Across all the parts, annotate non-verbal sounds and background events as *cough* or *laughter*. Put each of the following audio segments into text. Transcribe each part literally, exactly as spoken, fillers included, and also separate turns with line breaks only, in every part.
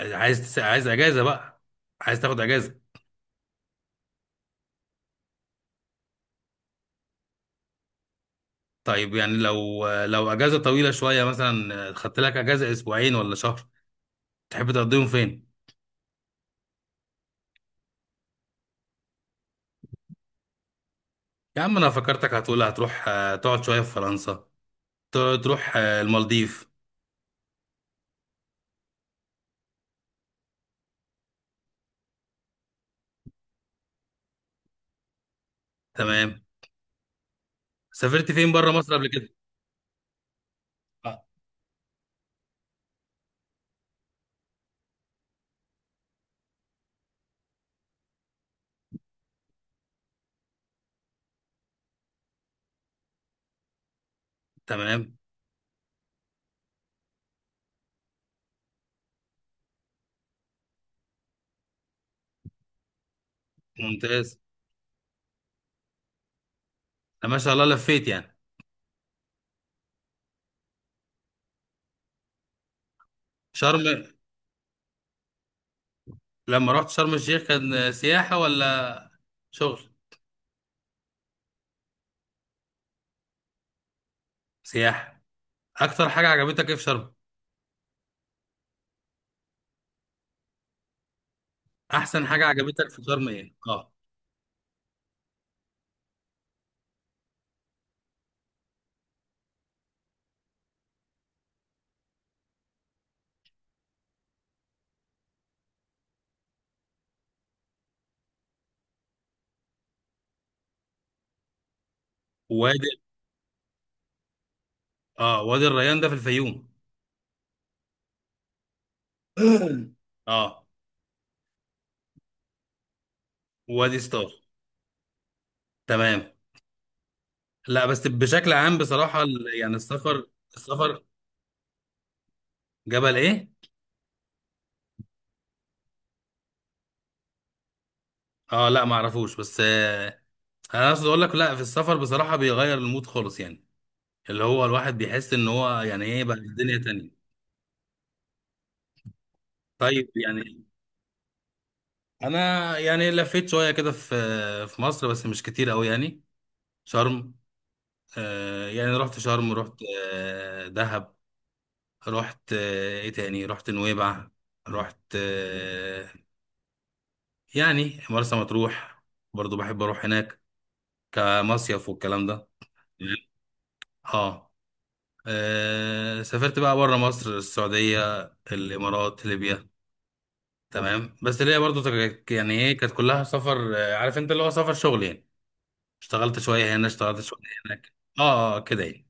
عايز تس... عايز اجازه بقى. عايز تاخد اجازه؟ طيب يعني لو لو اجازه طويله شويه، مثلا خدت لك اجازه اسبوعين ولا شهر. تحب تقضيهم فين؟ يا عم انا فكرتك هتقول هتروح، آه، تقعد شويه في فرنسا. ت- تروح آه، المالديف. تمام. سافرت فين بره مصر قبل كده؟ آه. تمام. ممتاز. أنا ما شاء الله لفيت يعني. شرم. لما رحت شرم الشيخ كان آه، سياحه ولا شغل؟ سياحه. اكتر حاجه عجبتك ايه في شرم؟ احسن حاجه عجبتك في شرم ايه، اه؟ وادي. اه، وادي الريان ده في الفيوم. *clears throat* اه، وادي ستار. تمام. لا بس بشكل عام بصراحة، ال- يعني السفر. السفر. جبل ايه؟ اه لا، ما اعرفوش بس آه انا عايز اقول لك، لا في السفر بصراحة بيغير المود خالص يعني. اللي هو الواحد بيحس ان هو يعني ايه بقى الدنيا تانية. طيب يعني انا يعني لفيت شوية كده في في مصر، بس مش كتير قوي يعني. شرم. آه يعني رحت شرم، رحت آه دهب. رحت آه، ايه تاني، رحت نويبع. رحت آه، يعني مرسى مطروح. برضو بحب اروح هناك كمصيف والكلام ده. اه. آه، سافرت بقى بره مصر السعودية، الامارات، ليبيا. تمام بس ليا برضو تك- يعني ايه، كانت كلها سفر، آه، عارف انت، اللي هو سفر شغل يعني. اشتغلت شوية هنا، اشتغلت شوية هناك. اه آه، آه، كده يعني.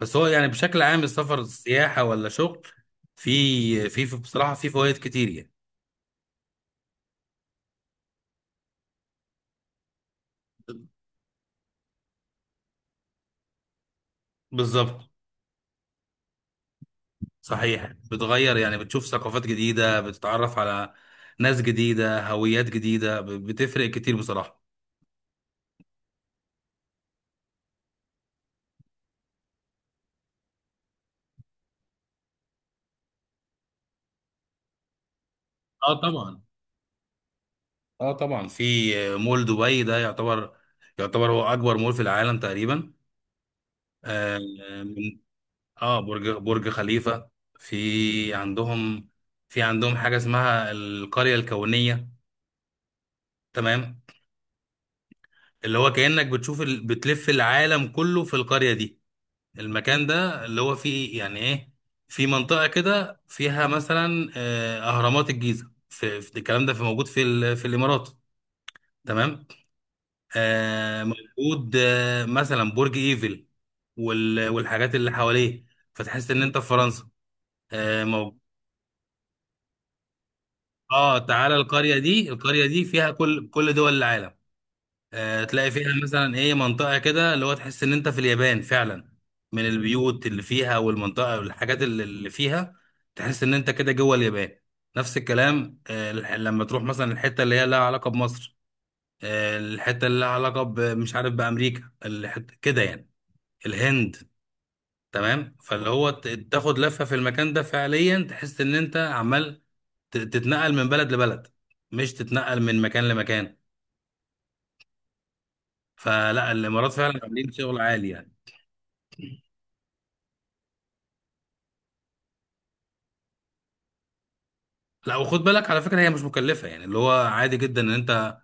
بس هو يعني بشكل عام السفر سياحة ولا شغل، في في في- بصراحة في فوائد كتير يعني. بالظبط. صحيح، بتغير يعني، بتشوف ثقافات جديدة، بتتعرف على ناس جديدة، هويات جديدة، ب- بتفرق كتير بصراحة. اه طبعا. اه طبعا في مول دبي ده يعتبر، يعتبر هو أكبر مول في العالم تقريبا. آه. من- آه، برج برج خليفة. في عندهم في عندهم حاجة اسمها القرية الكونية. تمام. اللي هو كأنك بتشوف ال... بتلف العالم كله في القرية دي. المكان ده اللي هو فيه يعني ايه، في منطقة كده فيها مثلا آه، أهرامات الجيزة، في في- الكلام ده في موجود في ال- في الإمارات. تمام. آه، موجود آه، مثلا برج إيفل وال- والحاجات اللي حواليه، فتحس إن أنت في فرنسا. آه، موجود. اه، تعالى القرية دي، القرية دي فيها كل كل دول العالم. آه، تلاقي فيها مثلا ايه، منطقة كده اللي هو تحس ان انت في اليابان فعلا، من البيوت اللي فيها والمنطقة والحاجات اللي اللي فيها، تحس ان انت كده جوه اليابان. نفس الكلام، آه، الح- لما تروح مثلا الحتة اللي هي لها علاقة بمصر، آه، الحتة اللي لها علاقة ب- مش عارف بأمريكا، الحتة كده يعني، الهند. تمام. فاللي هو ت- تاخد لفة في المكان ده فعليا تحس ان انت عمال ت- تتنقل من بلد لبلد، مش تتنقل من مكان لمكان. فلا الامارات فعلا عاملين شغل عالي يعني. لا وخد بالك على فكرة هي مش مكلفة، يعني اللي هو عادي جدا ان انت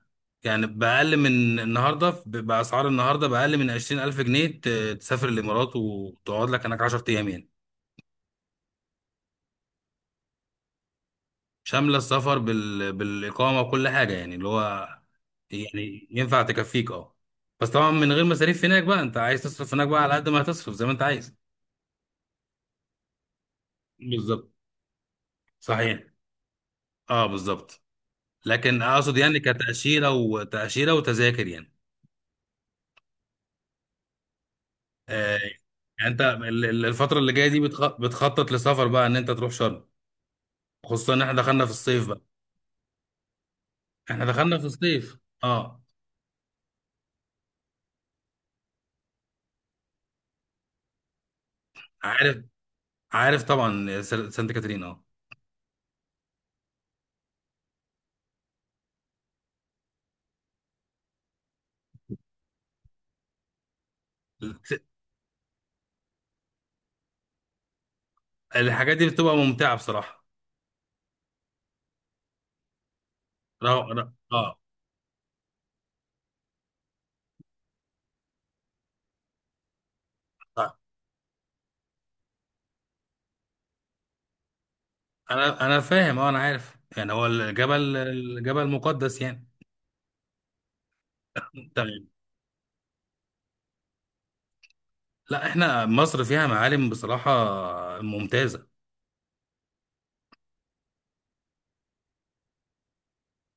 يعني بأقل من النهاردة، ب- بأسعار النهاردة بأقل من عشرين ألف جنيه ت- تسافر الإمارات وتقعد لك هناك عشرة أيام يعني. شاملة السفر بال... بالإقامة وكل حاجة يعني، اللي هو يعني ينفع تكفيك، اه. بس طبعا من غير مصاريف هناك بقى، انت عايز تصرف هناك بقى على قد ما هتصرف زي ما انت عايز. بالظبط. صحيح. اه، بالظبط. لكن اقصد يعني كتأشيرة وتأشيرة وتذاكر يعني. آه، يعني انت ال- ال- الفترة اللي جاية دي بتخ- بتخطط لسفر بقى ان انت تروح شرم، خصوصا ان احنا دخلنا في الصيف بقى. احنا دخلنا في الصيف، اه. عارف، عارف طبعا، س- سانت كاترين، اه. الت- الحاجات دي بتبقى ممتعة بصراحة. رو- رو- اه آه. انا انا فاهم، اه انا عارف يعني هو الجبل، الجبل مقدس يعني. تمام. لا احنا مصر فيها معالم بصراحة ممتازة.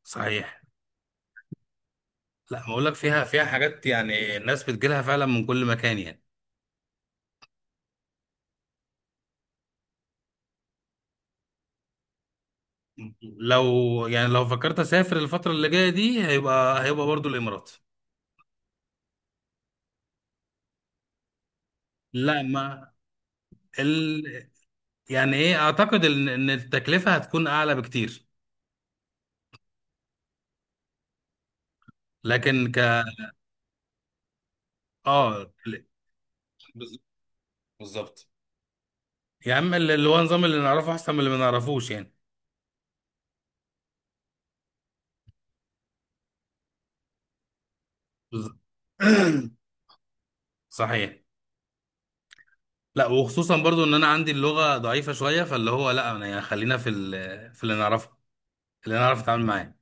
صحيح. لا بقول لك فيها فيها حاجات يعني الناس بتجيلها فعلا من كل مكان يعني. لو يعني لو فكرت اسافر الفتره اللي جايه دي هيبقى، هيبقى برضو الامارات. لا ما ال... يعني ايه، اعتقد ان إن التكلفه هتكون اعلى بكتير. لكن ك اه ل- بز- بالظبط. يا عم اللي اللي هو نظام اللي نعرفه احسن من اللي ما نعرفوش يعني. بالظبط. *clears throat* صحيح. لا وخصوصا برضو ان انا عندي اللغه ضعيفه شويه، فاللي هو لا انا يعني خلينا في ال... في اللي نعرفه، اللي نعرف نتعامل معاه.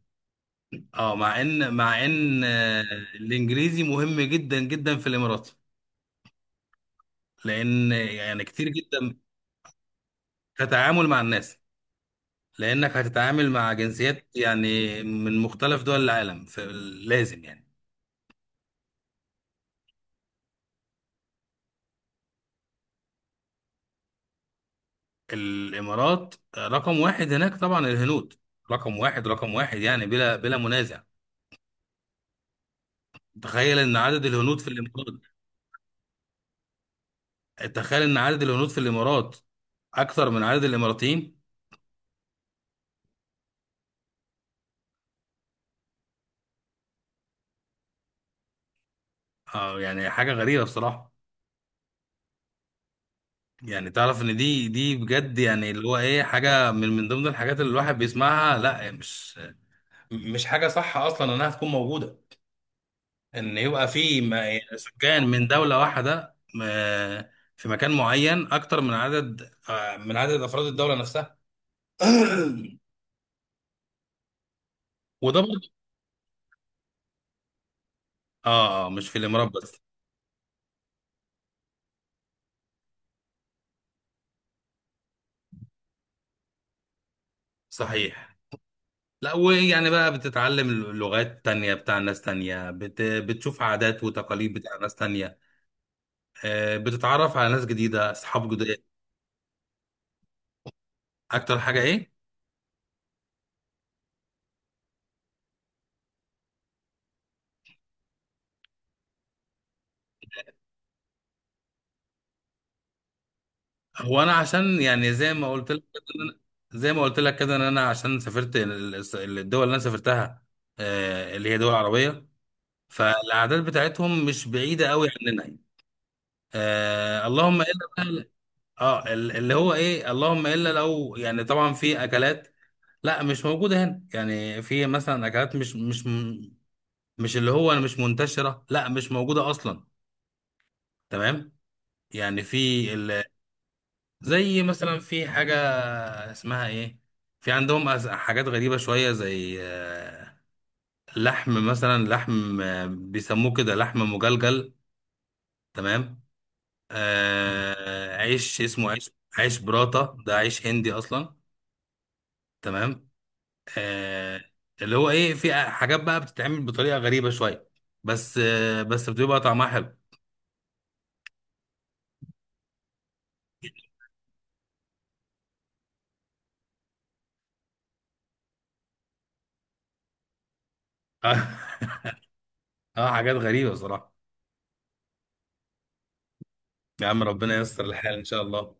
اه مع ان، مع ان آه، الانجليزي مهم جدا جدا في الامارات، لان يعني كتير جدا، كتعامل مع الناس. لانك هتتعامل مع جنسيات يعني من مختلف دول العالم فلازم يعني. الامارات رقم واحد هناك طبعا الهنود، رقم واحد رقم واحد يعني بلا بلا منازع. تخيل ان عدد الهنود في الامارات تخيل ان عدد الهنود في الامارات اكثر من عدد الاماراتيين. اه يعني حاجه غريبه بصراحه. يعني تعرف ان دي دي بجد، يعني اللي هو ايه حاجه من من ضمن الحاجات اللي الواحد بيسمعها، لا مش مش حاجة صح أصلا إنها تكون موجودة، إن يبقى في م- سكان من دولة واحدة م- في مكان معين أكتر من عدد آه، من عدد أفراد الدولة نفسها. *clears throat* وده برضه، آه آه، مش في الإمارات بس. صحيح. لا ويعني بقى بتتعلم لغات تانية بتاع ناس تانية، بت... بتشوف عادات وتقاليد بتاع ناس تانية. آه، بتتعرف على ناس جديدة، أصحاب جداد. أكتر حاجة إيه؟ هو انا عشان يعني زي ما قلت لك كده إن أنا- زي ما قلت لك كده ان انا عشان سافرت ال- ال- الدول اللي انا سافرتها، آه، اللي هي دول عربيه، فالاعداد بتاعتهم مش بعيده قوي عننا. آه، اللهم الا بقى. اه، ال- اللي هو ايه، اللهم الا لو يعني طبعا في اكلات لا مش موجوده هنا يعني، في مثلا اكلات مش مش مش اللي هو مش منتشره، لا مش موجوده اصلا. تمام. يعني في زي مثلا في حاجة اسمها ايه، في عندهم أز- حاجات غريبة شوية زي آه، لحم مثلا، لحم آه، بيسموه كده لحم مجلجل. تمام. آه، عيش اسمه عيش، عيش براتا ده عيش هندي اصلا. تمام. آه، اللي هو ايه، في حاجات بقى بتتعمل بطريقة غريبة شوية، بس آه، بس بتبقى طعمها حلو. *laughs* اه حاجات غريبة صراحة. يا عم ربنا ييسر الحال ان شاء الله.